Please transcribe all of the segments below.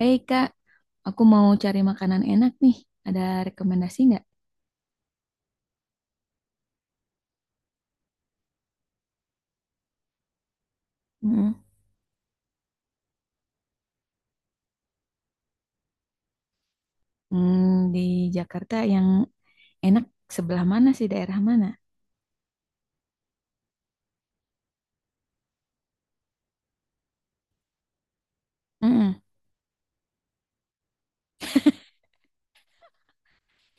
Hei Kak, aku mau cari makanan enak nih. Ada rekomendasi nggak? Mm-mm. Hmm, di Jakarta yang enak sebelah mana sih, daerah mana? Mm-mm.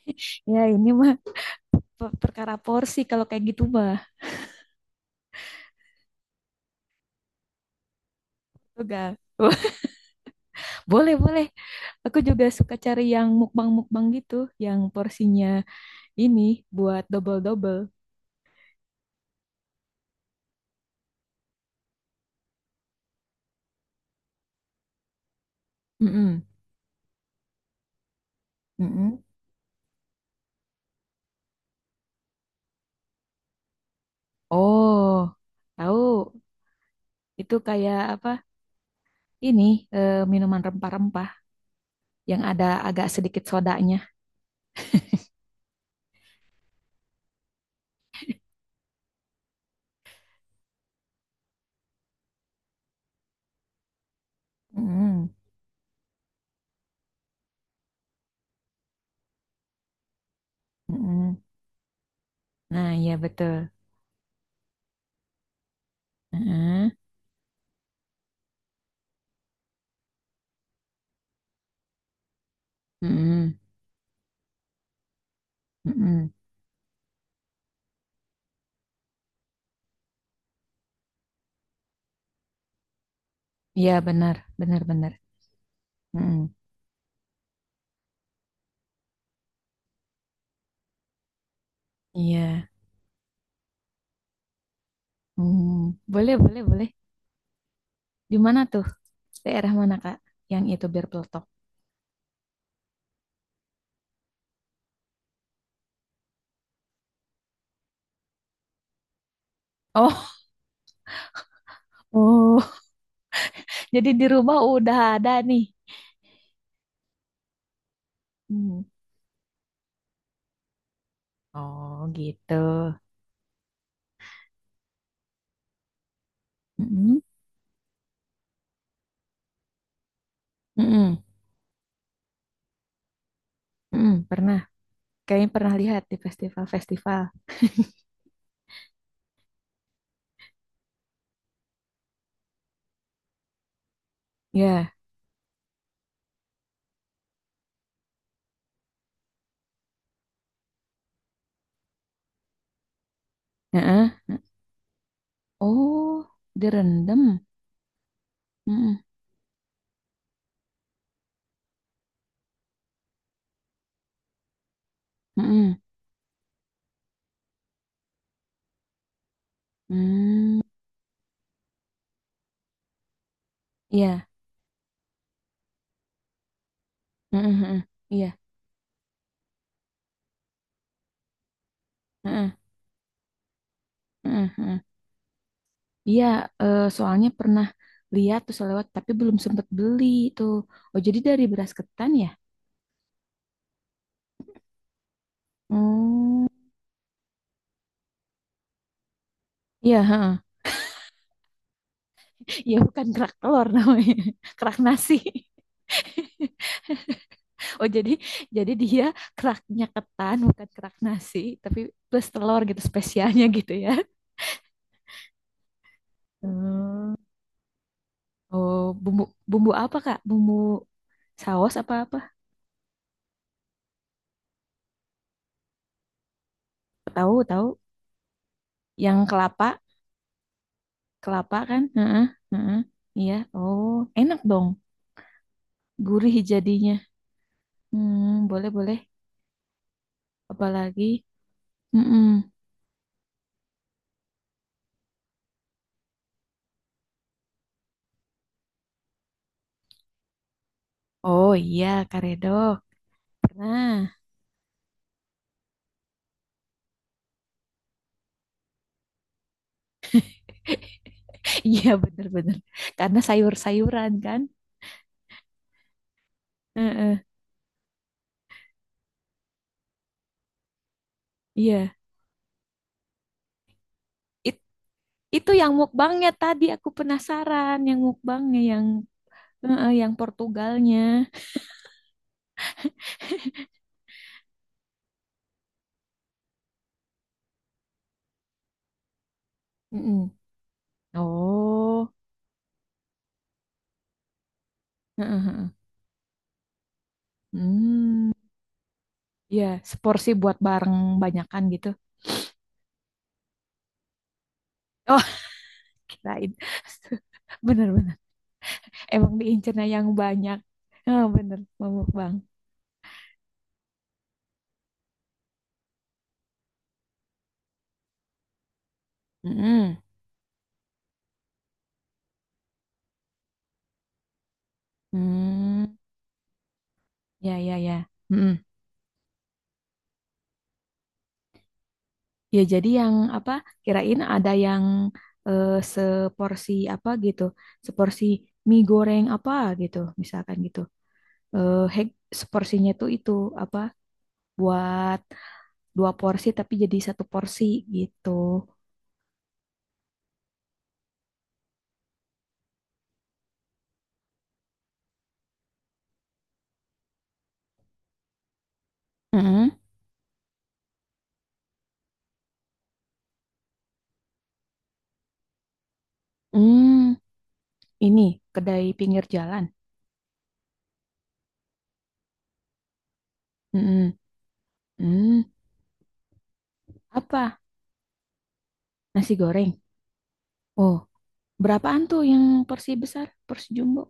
Ya ini mah perkara porsi kalau kayak gitu mah. Enggak. Boleh, boleh. Aku juga suka cari yang mukbang-mukbang gitu, yang porsinya ini buat double-double. Mm-mm. Mm-mm. Oh, tahu. Itu kayak apa? Ini minuman rempah-rempah yang ada agak sedikit sodanya. Mm-mm, mm-mm. Nah, iya betul. Heeh. Mm-mm, mm-mm. Iya benar, benar benar. Mm-mm. Iya. Hmm, boleh, boleh, boleh. Di mana tuh? Daerah mana, Kak? Yang itu bir peletok. Oh. Oh, jadi di rumah udah ada nih. Hmm. Oh, gitu. Mm-mm, mm-mm, mm-mm. Pernah. Kayaknya pernah lihat di festival-festival. Ya. Heeh. Oh, direndam. Mm-mm. Mm-mm. Mm. Iya. Mm-mm, mm-mm. Iya. Mm-mm, mm-mm, mm-mm. Iya, soalnya pernah lihat tuh selewat tapi belum sempat beli tuh. Oh, jadi dari beras ketan ya? Hmm. Iya, heeh. Iya bukan kerak telur namanya. Kerak nasi. Oh, jadi dia keraknya ketan bukan kerak nasi, tapi plus telur gitu spesialnya gitu ya. Hmm. Oh, bumbu bumbu apa, Kak? Bumbu saus apa apa? Tahu, tahu. Yang kelapa. Kelapa kan? Heeh, heeh. Iya. Oh, enak dong. Gurih jadinya. Hmm, boleh boleh. Apalagi? Mm-mm. Oh iya, karedok. Nah, iya bener-bener. Karena sayur-sayuran kan? Heeh. Iya. It- itu yang mukbangnya tadi aku penasaran yang mukbangnya yang heeh, yang Portugalnya. Mm-mm. Oh. Heeh, heeh. Hmm. Iya, seporsi buat bareng banyakan gitu. Kirain bener-bener emang diincernya yang banyak. Oh, bener Mamuk bang. Mm. Ya ya ya. Mm-mm. Ya jadi yang apa, kirain ada yang seporsi apa gitu, seporsi mie goreng apa gitu misalkan gitu, eh hek seporsinya tuh itu apa buat dua porsi tapi jadi satu porsi gitu. Mm-mm. Mm, ini kedai pinggir jalan. Mm-mm. Mm, apa, nasi goreng. Oh, berapaan tuh yang porsi besar, porsi jumbo?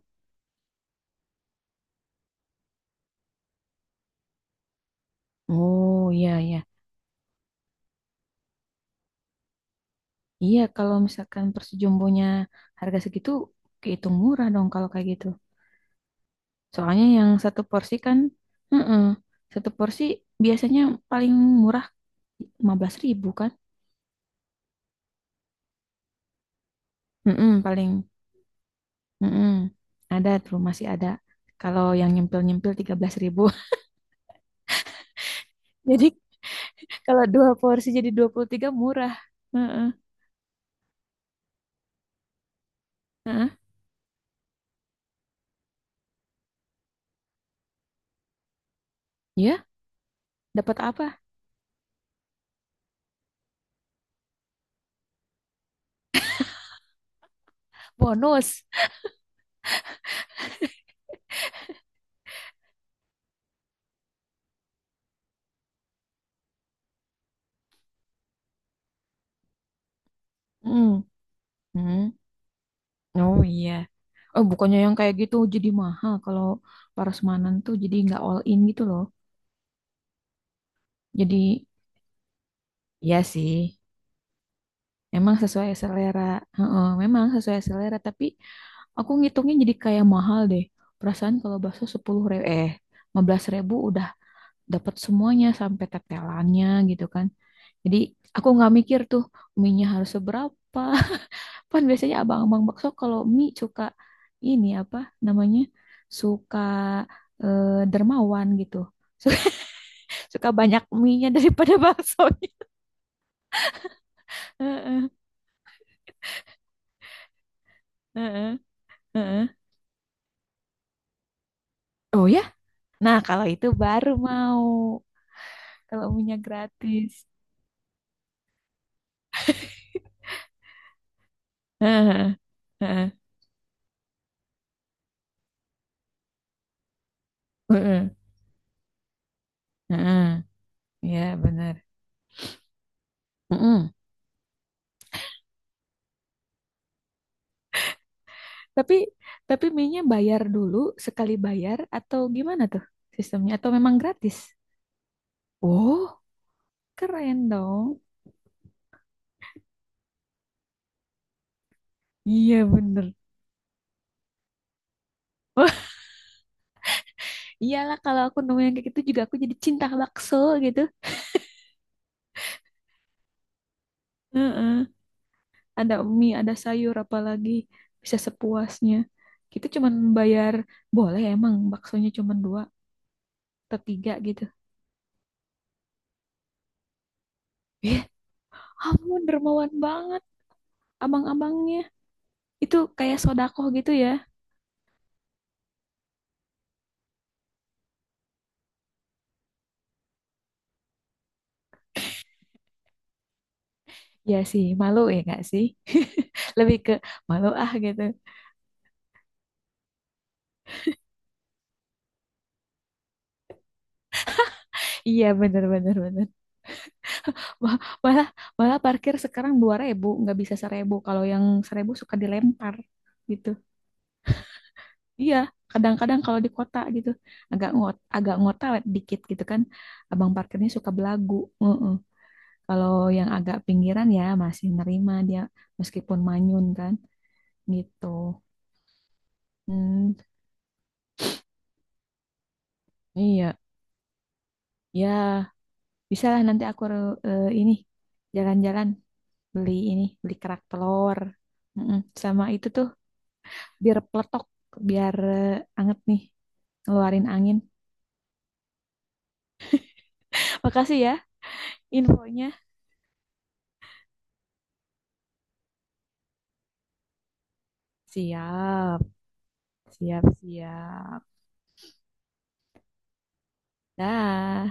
Oh, iya, iya. Iya, kalau misalkan porsi jumbonya harga segitu, kehitung murah dong kalau kayak gitu. Soalnya yang satu porsi kan, heeh, satu porsi biasanya paling murah 15.000 kan? Heeh, paling, heeh. Ada tuh, masih ada. Kalau yang nyempil-nyempil 13.000. Jadi kalau dua porsi jadi 23 murah. Heeh, heeh. Ya dapat apa? Bonus. Mm. Hmm. Oh iya. Oh bukannya yang kayak gitu jadi mahal kalau parosmanan tuh jadi nggak all in gitu loh. Jadi ya sih, emang sesuai selera. Heeh, memang sesuai selera tapi aku ngitungnya jadi kayak mahal deh. Perasaan kalau bakso 10.000 eh 15.000 udah dapat semuanya sampai tetelannya gitu kan. Jadi aku nggak mikir tuh minyak harus seberapa. Kan biasanya abang-abang bakso kalau mie suka ini apa namanya? Suka dermawan gitu. Suka, suka banyak mie-nya daripada baksonya. Heeh, heeh, heeh. Oh ya? Nah, kalau itu baru mau. Kalau mie gratis. Heeh, heeh, heeh, heeh. Ya, benar. Heeh. Tapi tapi mie-nya bayar dulu sekali bayar atau gimana tuh sistemnya? Atau memang gratis? Oh, keren dong. Iya bener. Wah, iyalah kalau aku nemu yang kayak gitu juga aku jadi cinta bakso gitu. Heeh. Ada mie, ada sayur, apalagi bisa sepuasnya. Kita cuman bayar, boleh emang baksonya cuman dua atau tiga gitu. Eh, ampun dermawan banget abang-abangnya. Itu kayak sodakoh gitu ya. Ya sih, malu ya gak sih? Lebih ke malu ah gitu. Iya bener bener bener. Wah, malah, malah parkir sekarang 2.000, nggak bisa 1.000. Kalau yang 1.000 suka dilempar gitu. Iya, kadang-kadang kalau di kota gitu agak ngot, agak ngotawet dikit gitu kan. Abang parkirnya suka belagu. Heeh. Kalau yang agak pinggiran ya masih nerima dia meskipun manyun kan gitu. Hmm, iya, ya bisa lah nanti aku ini jalan-jalan beli ini beli kerak telur. Mm-mm. Sama itu tuh biar peletok, biar anget nih, ngeluarin angin. Makasih ya infonya. Siap, siap, siap. Dah.